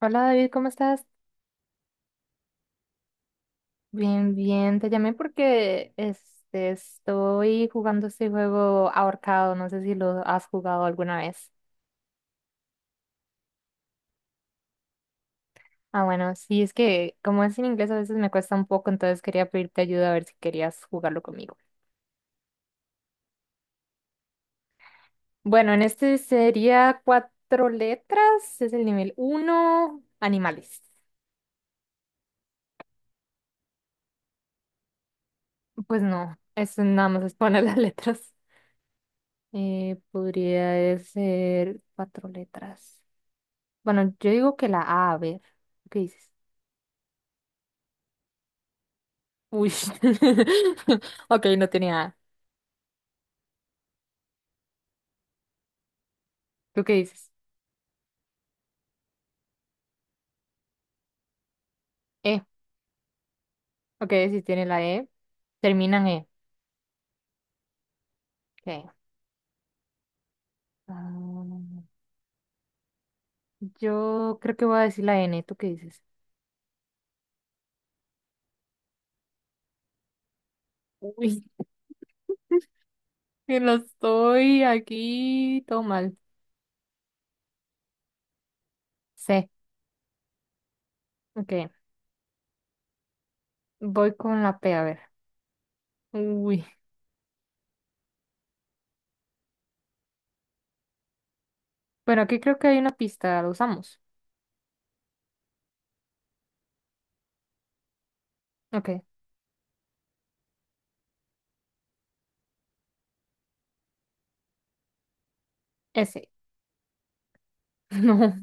Hola David, ¿cómo estás? Bien, bien, te llamé porque estoy jugando este juego ahorcado, no sé si lo has jugado alguna vez. Ah, bueno, sí, es que como es en inglés a veces me cuesta un poco, entonces quería pedirte ayuda a ver si querías jugarlo conmigo. Bueno, en este sería cuatro letras, es el nivel uno, animales. Pues no, eso nada más es poner las letras. Podría ser cuatro letras. Bueno, yo digo que la A, a ver. ¿Qué dices? Uy. Ok, no tenía. A. ¿Tú qué dices? E. Ok, si tiene la E. Terminan E. Ok. Ah, yo creo que voy a decir la N. ¿Tú qué dices? Uy. Que lo estoy aquí. Todo mal. C. Ok. Voy con la P, a ver. Uy. Bueno, aquí creo que hay una pista. ¿La usamos? Ok. S. No.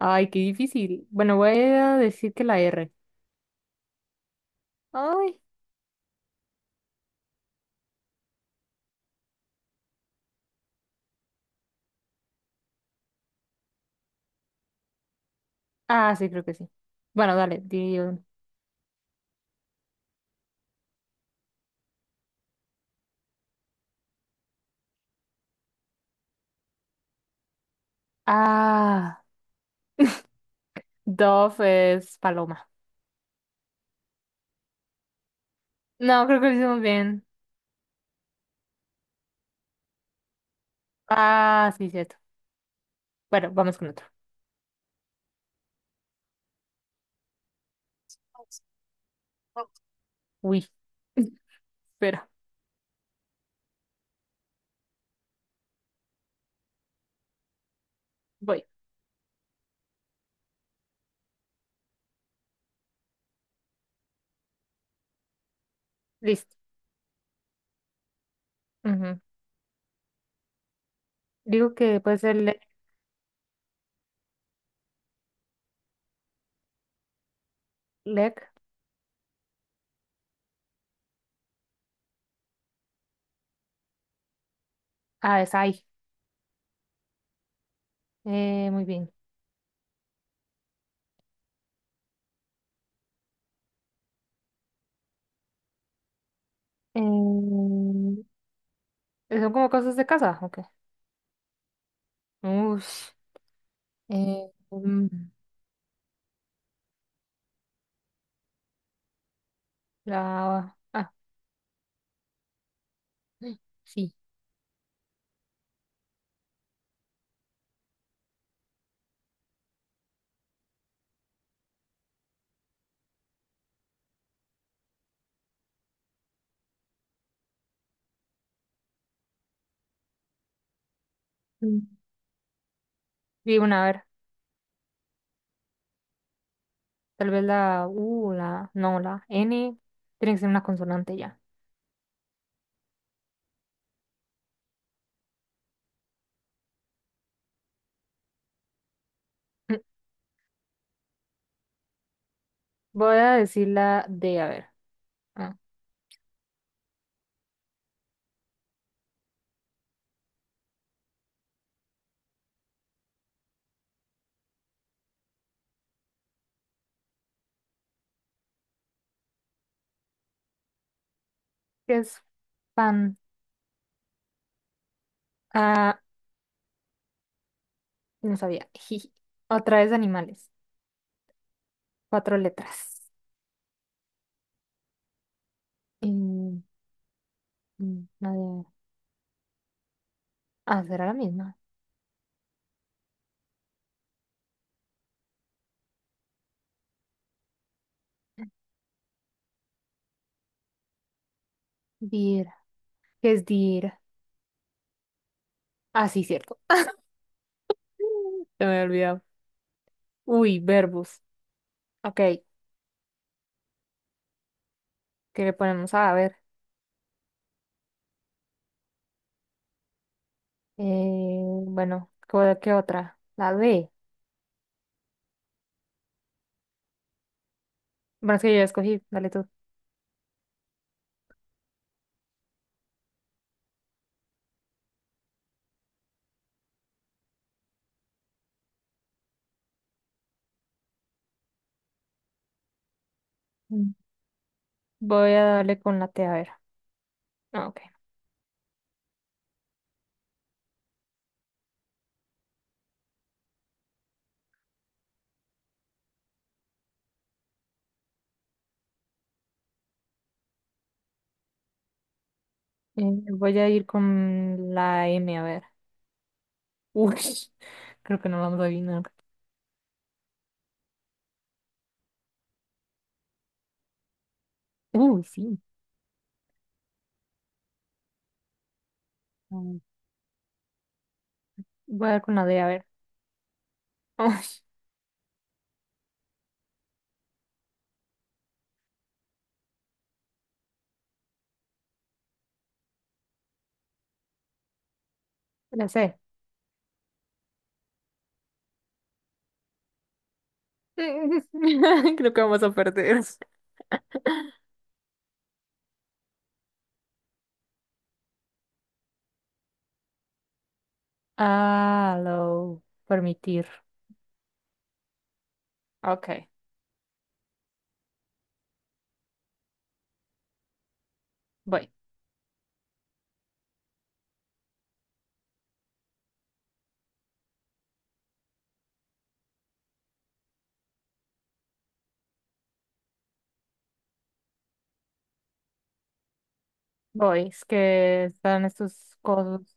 Ay, qué difícil. Bueno, voy a decir que la R. Ay. Ah, sí, creo que sí. Bueno, dale, di. Ah, Dove es paloma. No, creo que lo hicimos bien. Ah, sí, cierto. Bueno, vamos con otro. Uy, espera, voy. Listo. Ujú. Digo que puede ser leg. Leg. Ah, es ahí. Muy bien. Em, ¿Son como cosas de casa? Ok. Ush. Eh, mm, la... Ah, sí. Mm. Digo, una, a ver. Tal vez la U, la... No, la N. Tiene que ser una consonante ya. Voy a decir la D, a ver. Ah, ¿qué es fan? Ah, no sabía. Jiji. Otra vez animales. Cuatro letras. Mm, mm, la de- Ah, será la misma. Dir. ¿Qué es dir? Ah, sí, cierto. Se me había olvidado. Uy, verbos. Ok, ¿qué le ponemos? Ah, a ver. Eh, bueno, ¿qué otra? La D. Bueno, es que yo ya escogí. Dale tú. Mm. Voy a darle con la T, a ver. Ah, ok. Eh, Voy a ir con la M, a ver. Uy, creo que no lo vamos a adivinar. Uy, sí. Mm. Voy a dar con la D, a ver. Uy, la C. Creo que vamos a perder. Ah, lo permitir. Ok, voy. Voy, es que están estos codos.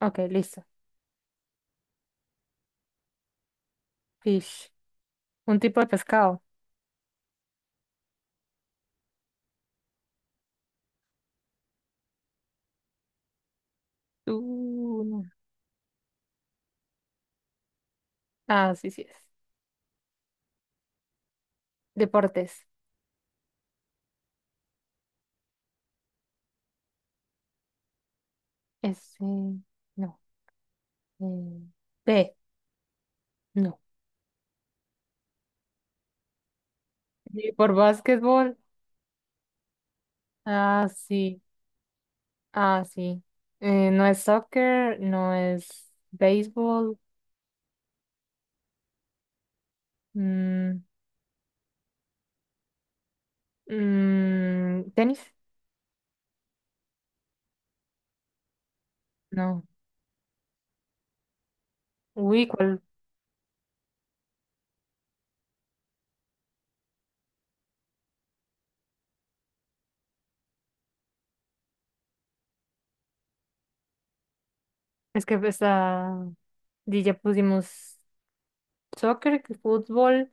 Ok, listo. Fish. Un tipo de pescado. Tuna. Ah, sí, sí es. Deportes. Este, no. Eh, B, no. Y por básquetbol. Ah, sí. Ah, sí. No es soccer, no es béisbol, mm, mm, tenis, no. Uy, ¿cuál? Es que esta ya pusimos soccer, que fútbol,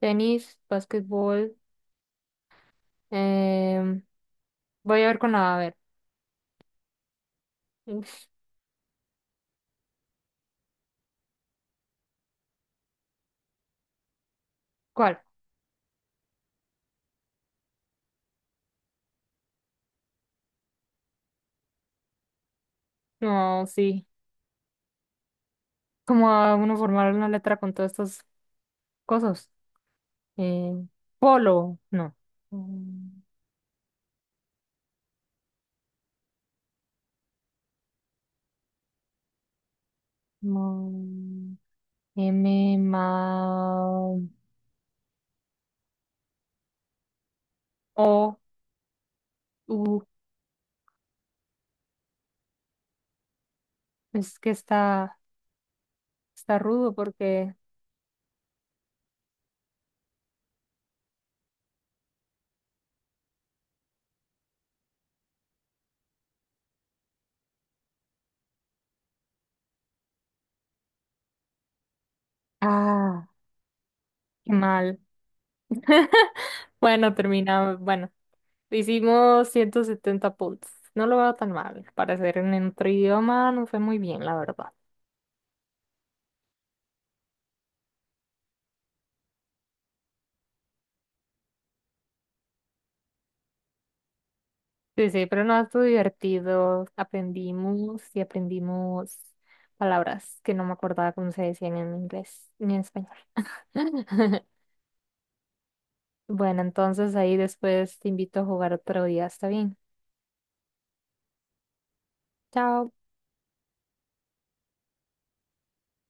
tenis, básquetbol. em, Voy a ver con la, a ver. Uf, ¿cuál? No, sí. ¿Cómo va uno a formar una letra con todas estas cosas? Eh, Polo, no. Mm, no. M, ma, O, U. Es que está, Está rudo porque. Ah, qué mal. Bueno, terminamos. Bueno, hicimos 170 puntos. No lo veo tan mal. Para ser en otro idioma no fue muy bien, la verdad. Sí, sí, pero no estuvo divertido. Aprendimos y aprendimos palabras que no me acordaba cómo se decían en inglés ni en español. Bueno, entonces ahí después te invito a jugar otro día, ¿está bien? Chao.